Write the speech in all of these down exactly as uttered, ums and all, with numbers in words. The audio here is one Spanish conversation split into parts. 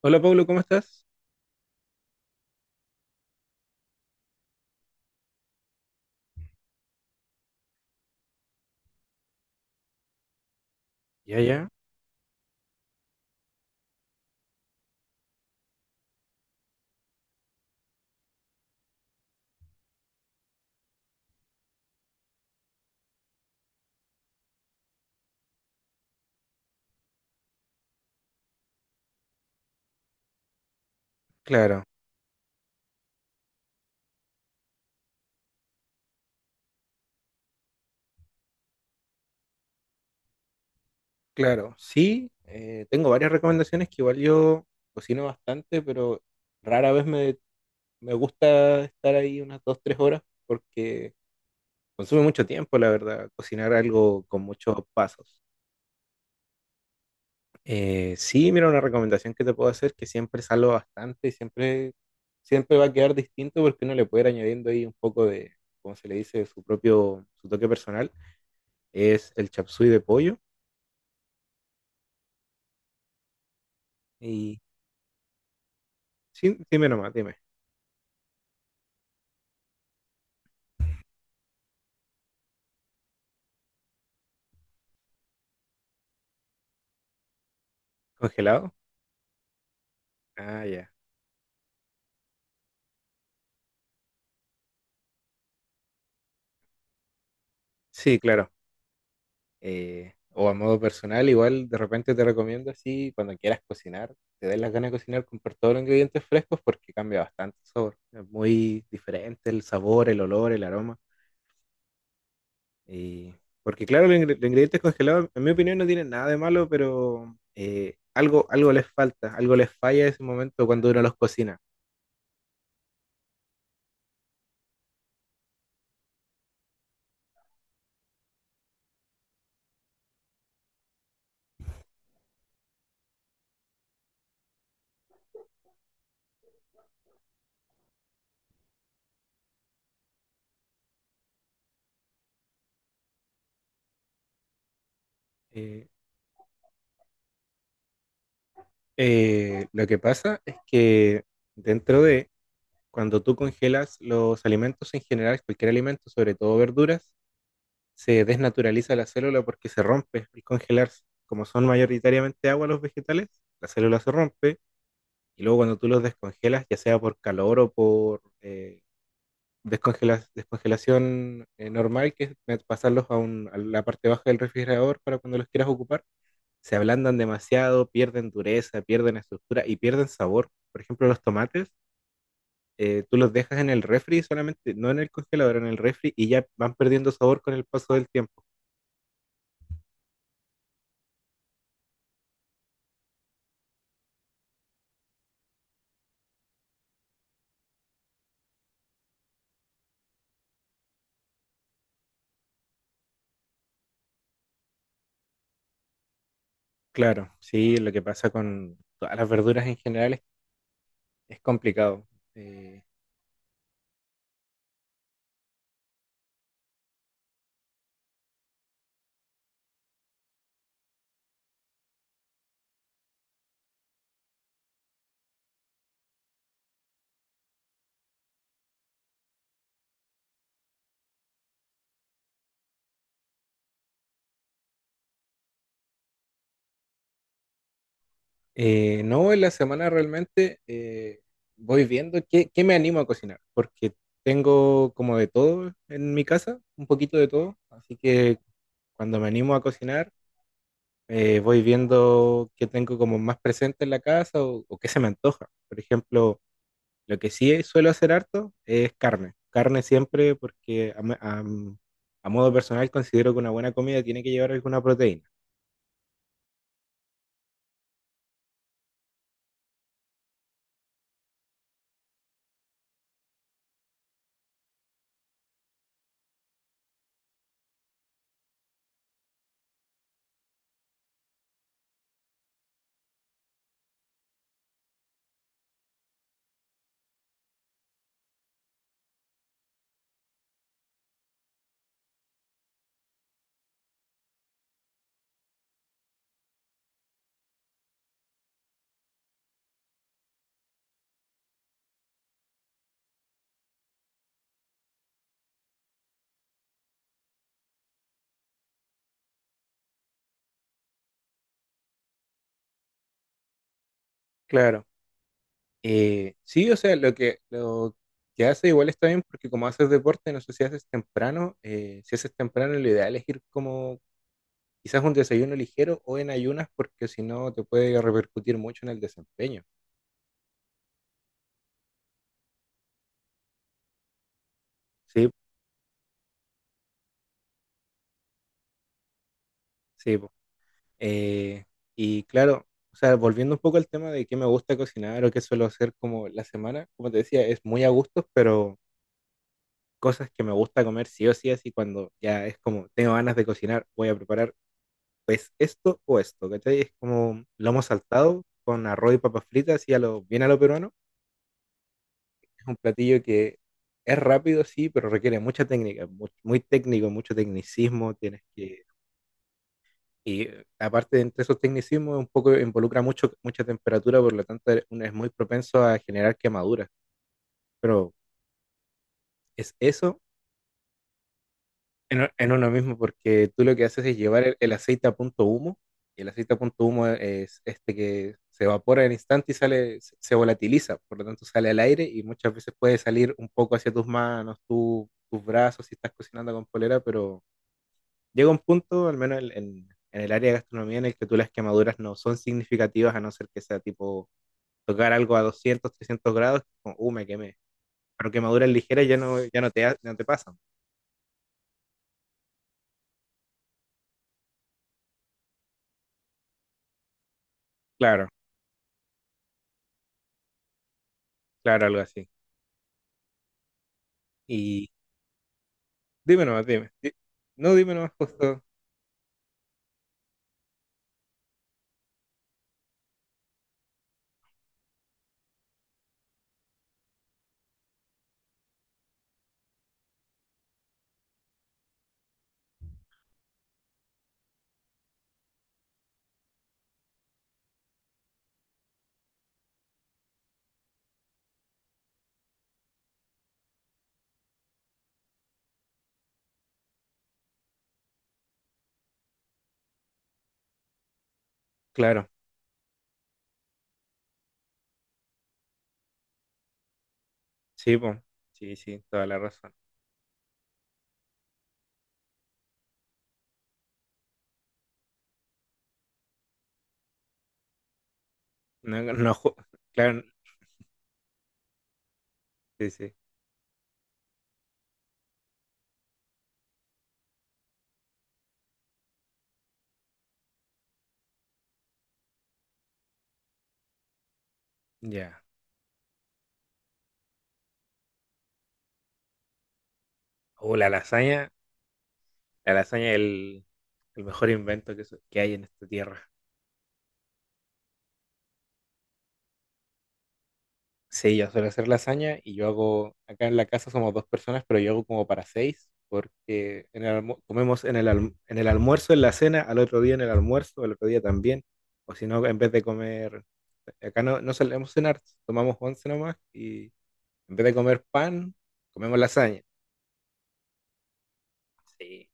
Hola Pablo, ¿cómo estás? Ya, ya, claro, claro. Sí, eh, tengo varias recomendaciones que igual yo cocino bastante, pero rara vez me, me gusta estar ahí unas dos, tres horas porque consume mucho tiempo, la verdad, cocinar algo con muchos pasos. Eh, sí, mira, una recomendación que te puedo hacer que siempre salgo bastante y siempre, siempre va a quedar distinto porque uno le puede ir añadiendo ahí un poco de, como se le dice, su propio, su toque personal, es el chapsui de pollo. Y Sí, dime nomás, dime. ¿Congelado? Ah, ya. Sí, claro. Eh, o a modo personal, igual de repente te recomiendo así, cuando quieras cocinar, te den las ganas de cocinar, comprar todos los ingredientes frescos porque cambia bastante el sabor. Es muy diferente el sabor, el olor, el aroma. Y Porque claro, los, ingre- los ingredientes congelados, en mi opinión, no tienen nada de malo, pero eh, algo, algo les falta, algo les falla ese momento cuando uno los cocina. Eh, eh, lo que pasa es que dentro de... cuando tú congelas los alimentos en general, cualquier alimento, sobre todo verduras, se desnaturaliza la célula porque se rompe al congelarse. Como son mayoritariamente agua los vegetales, la célula se rompe y luego cuando tú los descongelas, ya sea por calor o por eh, descongela- descongelación eh, normal, que es eh, pasarlos a, un- a la parte baja del refrigerador para cuando los quieras ocupar, se ablandan demasiado, pierden dureza, pierden estructura y pierden sabor. Por ejemplo, los tomates, eh, tú los dejas en el refri solamente, no en el congelador, en el refri y ya van perdiendo sabor con el paso del tiempo. Claro, sí, lo que pasa con todas las verduras en general es, es complicado. Eh, eh, no, en la semana realmente eh, voy viendo qué, qué me animo a cocinar, porque tengo como de todo en mi casa, un poquito de todo, así que cuando me animo a cocinar, eh, voy viendo qué tengo como más presente en la casa o, o qué se me antoja. Por ejemplo, lo que sí suelo hacer harto es carne. Carne siempre porque a, me- a- mm, a modo personal considero que una buena comida tiene que llevar alguna proteína. Claro. Eh, sí, o sea, lo que, lo que hace igual está bien porque como haces deporte, no sé si haces temprano, eh, si haces temprano lo ideal es ir como quizás un desayuno ligero o en ayunas porque si no te puede repercutir mucho en el desempeño. Sí, sí. Eh, y claro, o sea, volviendo un poco al tema de qué me gusta cocinar o qué suelo hacer como la semana, como te decía, es muy a gustos, pero cosas que me gusta comer sí o sí, así cuando ya es como tengo ganas de cocinar, voy a preparar pues esto o esto, ¿cachai? Es como lomo saltado con arroz y papas fritas y a lo, bien a lo peruano. Es un platillo que es rápido, sí, pero requiere mucha técnica, mu- muy, técnico, mucho tecnicismo, tienes que. Y eh, aparte de entre esos tecnicismos, un poco involucra mucho, mucha temperatura, por lo tanto e, uno es muy propenso a generar quemaduras. Pero es eso en, en uno mismo, porque tú lo que haces es llevar el, el aceite a punto humo, y el aceite a punto humo es este que se evapora en instante y sale, se se volatiliza, por lo tanto sale al aire y muchas veces puede salir un poco hacia tus manos, tu- tus brazos si estás cocinando con polera, pero llega un punto, al menos en, en- en el área de gastronomía, en el que tú las quemaduras no son significativas, a no ser que sea tipo tocar algo a doscientos, trescientos grados, como, uh, me quemé. Pero quemaduras ligeras ya no, ya no te, ha- no te pasan. Claro, claro, algo así. Y dime nomás, dime. Di- No, dime nomás justo. Claro, sí, po. Sí, sí, toda la razón. No, no, ju- claro, sí, sí. Ya. O la lasaña, la lasaña es el, el mejor invento que, so- que hay en esta tierra. Sí, ya suele hacer lasaña y yo hago, acá en la casa somos dos personas, pero yo hago como para seis, porque en el almu- comemos en el, alm- en el almuerzo, en la cena, al otro día en el almuerzo, al otro día también, o si no, en vez de comer, acá no, no solemos cenar, tomamos once nomás y en vez de comer pan, comemos lasaña. Sí.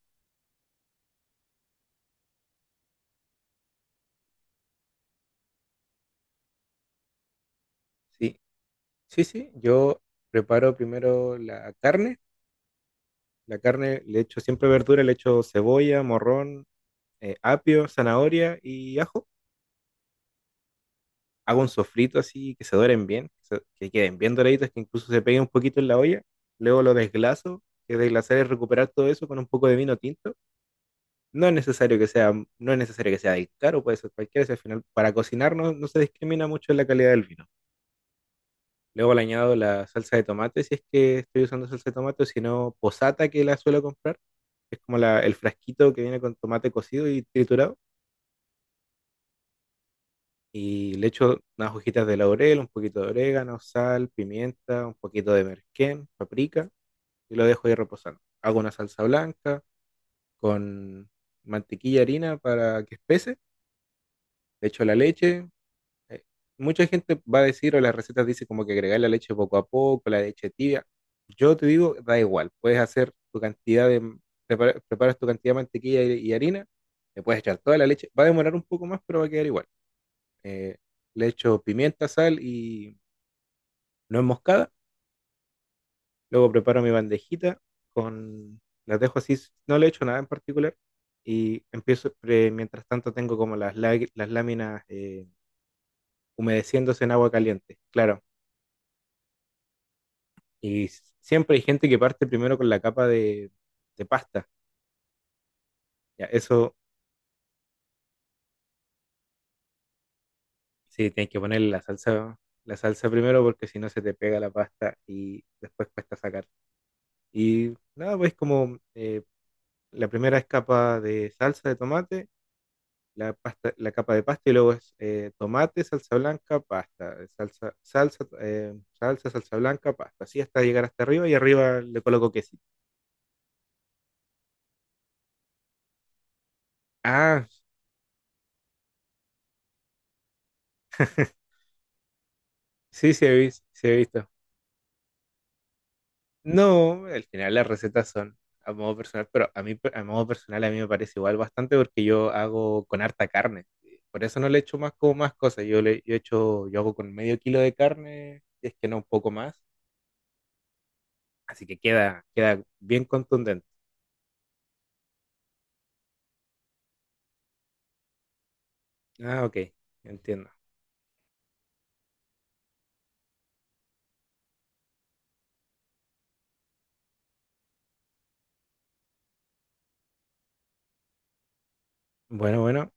Sí, sí, sí, yo preparo primero la carne, la carne le echo siempre verdura, le echo cebolla, morrón, eh, apio, zanahoria y ajo. Hago un sofrito así, que se doren bien, que, se- que queden bien doraditos, que incluso se peguen un poquito en la olla. Luego lo desglaso, que desglasar es recuperar todo eso con un poco de vino tinto. No es necesario que sea, no es necesario que sea del caro, puede ser cualquiera, si al final para cocinar no, no se discrimina mucho en la calidad del vino. Luego le añado la salsa de tomate, si es que estoy usando salsa de tomate, o si no, posata que la suelo comprar, que es como la- el frasquito que viene con tomate cocido y triturado y le echo unas hojitas de laurel, un poquito de orégano, sal, pimienta, un poquito de merquén, paprika y lo dejo ahí reposando. Hago una salsa blanca con mantequilla, harina para que espese, le echo la leche. eh, Mucha gente va a decir, o las recetas dicen como que agregar la leche poco a poco, la leche tibia. Yo te digo, da igual, puedes hacer tu cantidad de, prepara- preparas tu cantidad de mantequilla y, y harina, le puedes echar toda la leche, va a demorar un poco más, pero va a quedar igual. Eh, le echo pimienta, sal y no enmoscada. Luego preparo mi bandejita, con las dejo así, no le echo nada en particular y empiezo pre- mientras tanto tengo como las lá- las láminas eh, humedeciéndose en agua caliente, claro. Y s- siempre hay gente que parte primero con la capa de, de pasta. Ya, eso sí tienes que ponerle la salsa la salsa primero porque si no se te pega la pasta y después cuesta sacar. Y nada, pues como eh, la primera es capa de salsa de tomate, la, pasta, la capa de pasta y luego es eh, tomate, salsa blanca, pasta, salsa, salsa, eh, salsa, salsa, blanca, pasta. Así hasta llegar hasta arriba y arriba le coloco quesito. Ah, sí, sí he, visto sí he visto. No, al final las recetas son a modo personal, pero a mí, a modo personal a mí me parece igual bastante porque yo hago con harta carne. Por eso no le echo más como más cosas. Yo le yo echo, yo hago con medio kilo de carne, si es que no un poco más. Así que queda, queda bien contundente. Ah, ok, entiendo. Bueno, bueno,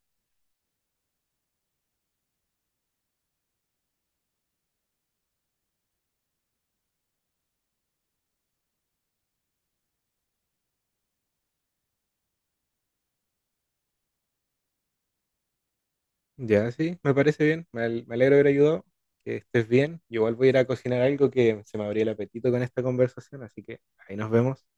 ya sí, me parece bien. Me, al- me alegro de haber ayudado. Que estés bien. Yo igual voy a ir a cocinar algo que se me abrió el apetito con esta conversación, así que ahí nos vemos.